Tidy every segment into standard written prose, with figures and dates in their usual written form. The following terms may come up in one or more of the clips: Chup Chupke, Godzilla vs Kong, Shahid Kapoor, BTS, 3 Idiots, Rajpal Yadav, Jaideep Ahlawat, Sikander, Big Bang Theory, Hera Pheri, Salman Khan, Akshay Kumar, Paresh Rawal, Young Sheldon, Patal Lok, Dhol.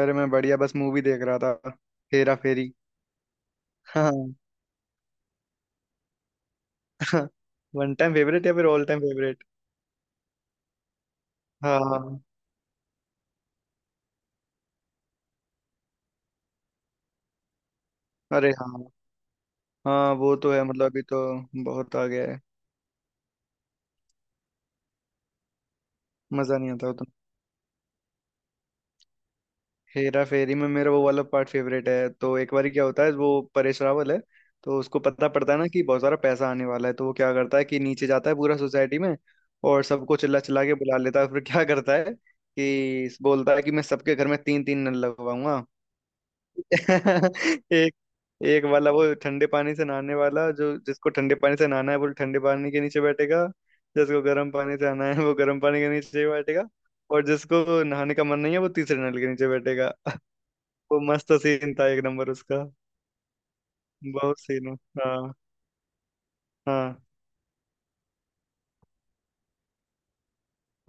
अरे, मैं बढ़िया। बस मूवी देख रहा था। हेरा फेरी। हाँ। वन टाइम फेवरेट या फिर ऑल टाइम फेवरेट? हाँ। अरे हाँ। हाँ, वो तो है। मतलब अभी तो बहुत आ गया है। मजा नहीं आता उतना। हेरा फेरी में मेरा वो वाला पार्ट फेवरेट है। तो एक बार क्या होता है, वो परेश रावल है, तो उसको पता पड़ता है ना कि बहुत सारा पैसा आने वाला है, तो वो क्या करता है कि नीचे जाता है पूरा सोसाइटी में, और सबको चिल्ला चिल्ला के बुला लेता है। फिर क्या करता है कि बोलता है कि मैं सबके घर में तीन तीन नल लगवाऊंगा। एक। एक वाला वो ठंडे पानी से नहाने वाला, जो जिसको ठंडे पानी से नहाना है वो ठंडे पानी के नीचे बैठेगा, जिसको गर्म पानी से नहाना है वो गर्म पानी के नीचे बैठेगा, और जिसको नहाने का मन नहीं है वो तीसरे नल के नीचे बैठेगा। वो मस्त सीन था। एक नंबर उसका। बहुत सीन। हाँ। हाँ,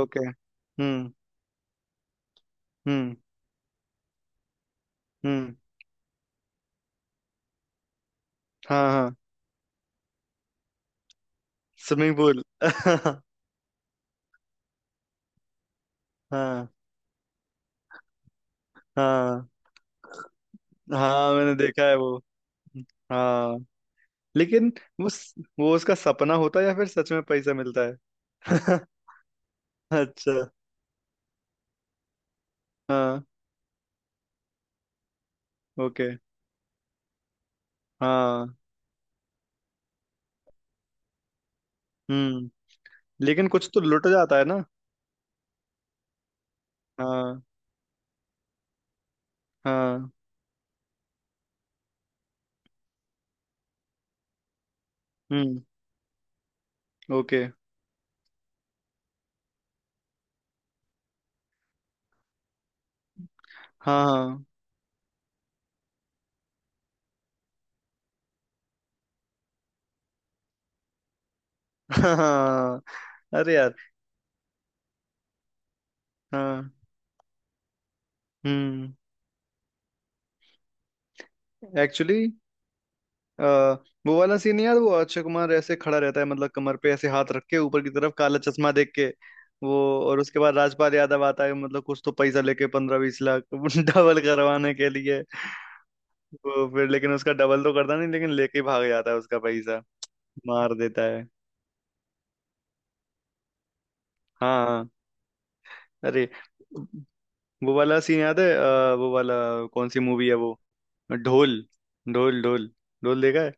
ओके। हम्म। हम्म। हम्म। हाँ हाँ। Swimming pool. हाँ हाँ हाँ। मैंने देखा है वो। हाँ। लेकिन वो स- वो उसका सपना होता है या फिर सच में पैसा मिलता है? अच्छा। हाँ। ओके। हाँ। हम्म। लेकिन कुछ तो लुट जाता है ना? हाँ। हाँ। हम्म। ओके। हाँ हाँ। हाँ। अरे यार। हाँ। हम्म। एक्चुअली, वो वाला सीन यार, वो अक्षय कुमार ऐसे खड़ा रहता है, मतलब कमर पे ऐसे हाथ रख के ऊपर की तरफ काला चश्मा देख के। वो, और उसके बाद राजपाल यादव आता है, मतलब कुछ तो पैसा लेके, 15-20 लाख डबल करवाने के लिए। वो फिर लेकिन उसका डबल तो करता नहीं, लेकिन लेके भाग जाता है उसका पैसा। मार देता है। हाँ हाँ। अरे, वो वाला सीन याद है? वो वाला कौन सी मूवी है वो? ढोल। ढोल ढोल। ढोल देखा है?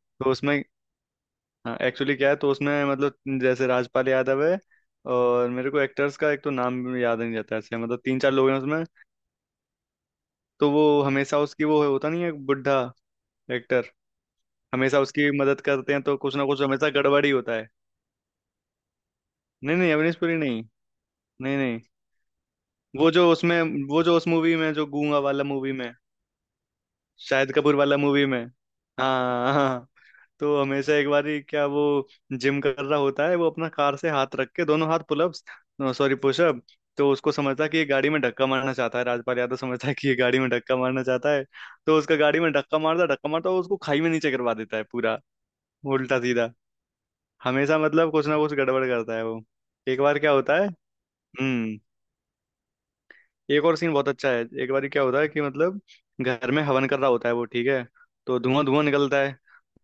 तो उसमें एक्चुअली क्या है, तो उसमें मतलब, जैसे राजपाल यादव है, और मेरे को एक्टर्स का एक तो नाम याद नहीं रहता ऐसे। मतलब तीन चार लोग हैं उसमें। तो वो हमेशा, उसकी वो होता नहीं है, बुढ़ा एक्टर, हमेशा उसकी मदद करते हैं, तो कुछ ना कुछ हमेशा गड़बड़ ही होता है। नहीं नहीं, अवनीश पुरी नहीं। नहीं नहीं। वो जो उसमें वो जो उस मूवी में, जो गूंगा वाला मूवी में, शाहिद कपूर वाला मूवी में। हाँ हाँ। तो हमेशा एक बार ही क्या, वो जिम कर रहा होता है, वो अपना कार से हाथ रख के, दोनों हाथ पुलअप्स, सॉरी पुशअप। तो उसको समझता है कि ये गाड़ी में धक्का मारना चाहता है, राजपाल यादव समझता है कि ये गाड़ी में धक्का मारना चाहता है, तो उसका गाड़ी में धक्का मारता धक्का मारता, और उसको खाई में नीचे करवा देता है पूरा उल्टा सीधा। हमेशा मतलब कुछ ना कुछ गड़बड़ करता है वो। एक बार क्या होता है। हम्म। एक और सीन बहुत अच्छा है। एक बार क्या होता है कि मतलब, घर में हवन कर रहा होता है, वो ठीक है, तो धुआं धुआं निकलता है।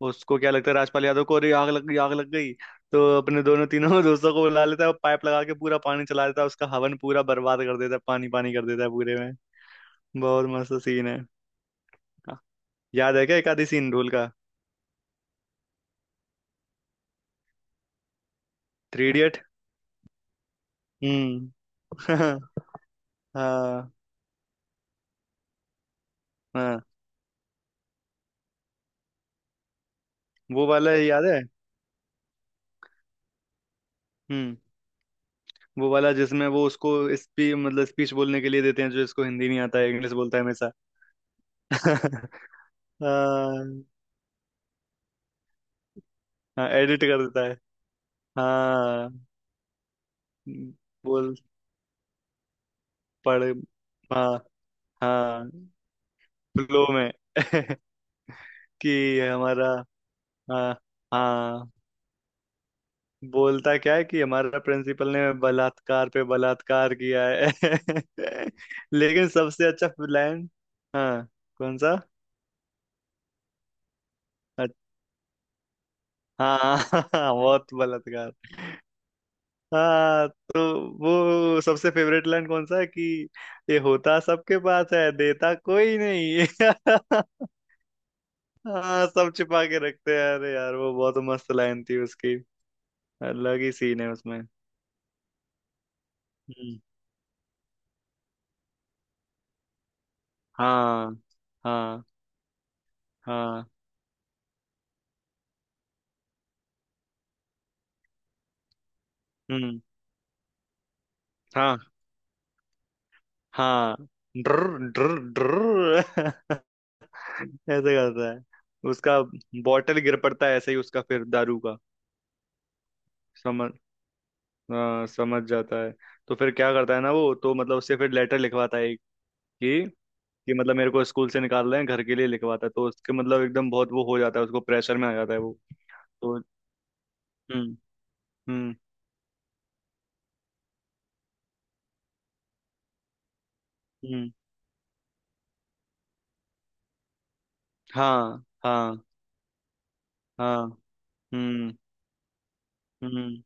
उसको क्या लगता है, राजपाल यादव को, अरे आग लग गई, आग लग गई। तो अपने दोनों तीनों दोस्तों को बुला लेता है, और पाइप लगा के पूरा पानी चला देता है। उसका हवन पूरा बर्बाद कर देता है, पानी पानी कर देता है पूरे में। बहुत मस्त सीन है। याद है क्या एक आधी सीन ढोल का? Three idiot. हम्म। हाँ। हाँ, वो वाला याद है? हम्म। वो वाला जिसमें वो उसको स्पी मतलब स्पीच बोलने के लिए देते हैं, जो इसको हिंदी नहीं आता है, इंग्लिश बोलता है हमेशा। हाँ। एडिट कर देता है। हाँ। बोल। पढ़। हाँ हाँ। फ्लो में। कि हमारा। हाँ हाँ। बोलता क्या है कि हमारा प्रिंसिपल ने बलात्कार पे बलात्कार किया है। लेकिन सबसे अच्छा लाइन। हाँ। कौन सा? अच्छा। हाँ। बहुत बलात्कार। हाँ। तो वो सबसे फेवरेट लाइन कौन सा है कि ये होता सबके पास है, देता कोई नहीं। हाँ, सब छिपा के रखते हैं। अरे यार, वो बहुत मस्त लाइन थी उसकी। अलग ही सीन है उसमें। हम्म। हाँ। हाँ। हाँ। हम्म। हाँ हाँ। ड्र ड्र। ड्र। ऐसे करता है उसका। बॉटल गिर पड़ता है ऐसे ही उसका, फिर दारू का। समझ। हाँ, समझ जाता है। तो फिर क्या करता है ना, वो तो मतलब उससे फिर लेटर लिखवाता है कि कि मतलब मेरे को स्कूल से निकाल रहे हैं, घर के लिए लिखवाता है। तो उसके मतलब एकदम बहुत वो हो जाता है, उसको प्रेशर में आ जाता है वो। तो। हम्म। हम्म। हम्म। हाँ हाँ। हाँ। हम्म। हम्म।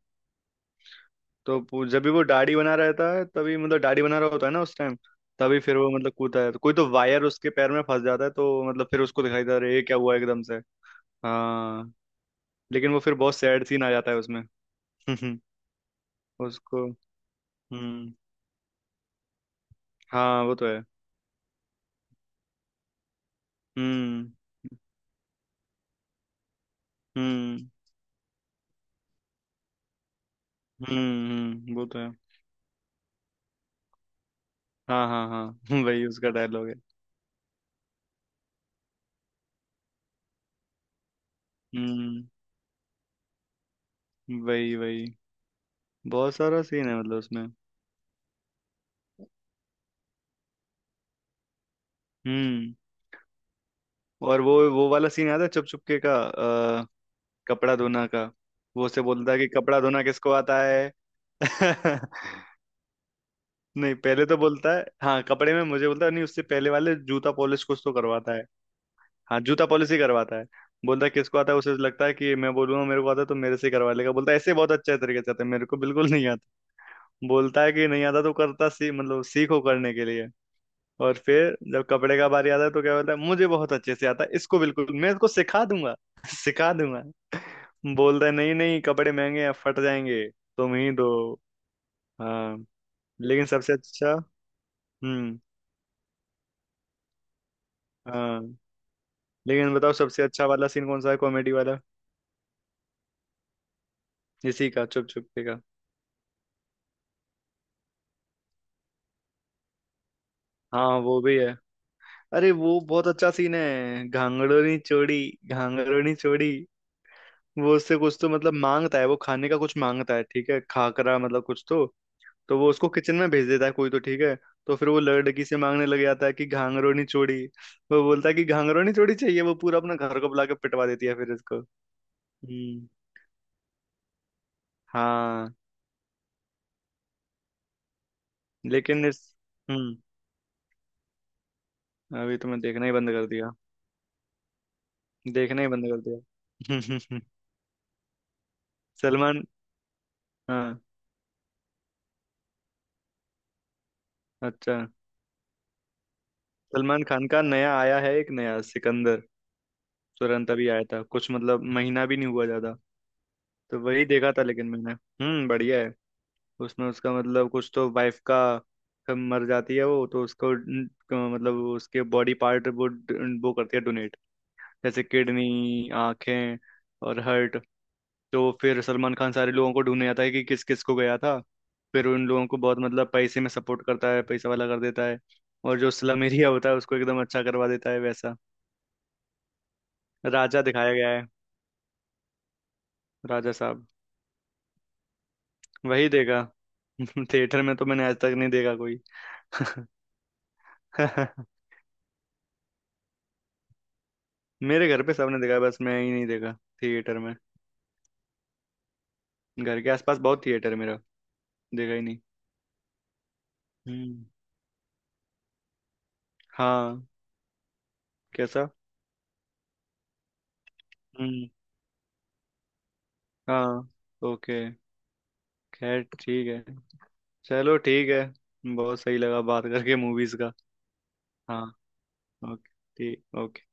तो जब भी वो दाढ़ी बना रहता है, तभी मतलब दाढ़ी बना रहा होता है ना उस टाइम, तभी फिर वो मतलब कूदता है, तो कोई तो वायर उसके पैर में फंस जाता है, तो मतलब फिर उसको दिखाई देता है, "अरे, ये क्या हुआ एकदम से"। हाँ। लेकिन वो फिर बहुत सैड सीन आ जाता है उसमें। उसको। हम्म। हाँ, वो तो है। हम्म। हम्म। हम्म। वो तो है। हाँ हाँ हाँ। वही उसका डायलॉग है। हम्म। वही वही। बहुत सारा सीन है मतलब उसमें। हम्म। और वो वाला सीन याद है चुप चुपके का? अ, कपड़ा धोना का। वो उसे बोलता है कि कपड़ा धोना किसको आता है। नहीं, पहले तो बोलता है हाँ कपड़े में मुझे बोलता है, नहीं उससे पहले वाले जूता पॉलिश कुछ तो करवाता। हाँ, जूता पॉलिसी करवाता है। बोलता है किसको आता है, उसे लगता है कि मैं बोलूंगा मेरे को आता है तो मेरे से करवा लेगा, बोलता है ऐसे बहुत अच्छे तरीके से आता है मेरे को, बिल्कुल नहीं आता। बोलता है कि नहीं आता तो करता सी मतलब सीखो करने के लिए। और फिर जब कपड़े का बारी आता है तो क्या बोलता है, मुझे बहुत अच्छे से आता है इसको, बिल्कुल मैं इसको सिखा दूंगा सिखा दूंगा। बोलता है नहीं नहीं, कपड़े महंगे हैं फट जाएंगे, तुम ही दो। हाँ। लेकिन सबसे अच्छा। हम्म। हाँ। लेकिन बताओ, सबसे अच्छा वाला सीन कौन सा है कॉमेडी वाला? इसी का, चुप चुप का। हाँ वो भी है। अरे, वो बहुत अच्छा सीन है, घांगड़ोनी चोड़ी। घांगड़ोनी चोड़ी। वो उससे कुछ तो मतलब मांगता है, वो खाने का कुछ मांगता है ठीक है, खाकरा मतलब कुछ तो। तो वो उसको किचन में भेज देता है कोई तो ठीक है। तो फिर वो लड़की से मांगने लग जाता है कि घांगड़ोनी चोड़ी। वो बोलता है कि घांगड़ोनी चोड़ी चाहिए, वो पूरा अपना घर को बुला के पिटवा देती है फिर इसको। हम्म। हाँ। लेकिन इस। हम्म। अभी तो मैं देखना ही बंद कर दिया। देखना ही बंद कर दिया। सलमान। हाँ। अच्छा। सलमान खान का नया आया है एक, नया सिकंदर। तुरंत अभी आया था, कुछ मतलब महीना भी नहीं हुआ ज्यादा। तो वही देखा था लेकिन मैंने। हम्म, बढ़िया है। उसमें उसका मतलब कुछ तो, वाइफ का कब मर जाती है, वो तो उसको मतलब उसके बॉडी पार्ट वो करती है डोनेट, जैसे किडनी, आंखें और हार्ट। तो फिर सलमान खान सारे लोगों को ढूंढने आता है कि किस किस को गया था। फिर उन लोगों को बहुत मतलब पैसे में सपोर्ट करता है, पैसा वाला कर देता है, और जो स्लम एरिया होता है उसको एकदम अच्छा करवा देता है, वैसा राजा दिखाया गया है। राजा साहब। वही देखा। थिएटर में तो मैंने आज तक नहीं देखा कोई। मेरे घर पे सबने देखा है, बस मैं ही नहीं देखा थिएटर में। घर के आसपास बहुत थिएटर है मेरा। देखा ही नहीं। हम्म। हाँ। कैसा? हम्म। हाँ। ओके। खैर ठीक है। चलो ठीक है, बहुत सही लगा बात करके मूवीज का। हाँ। ओके। ठीक। ओके।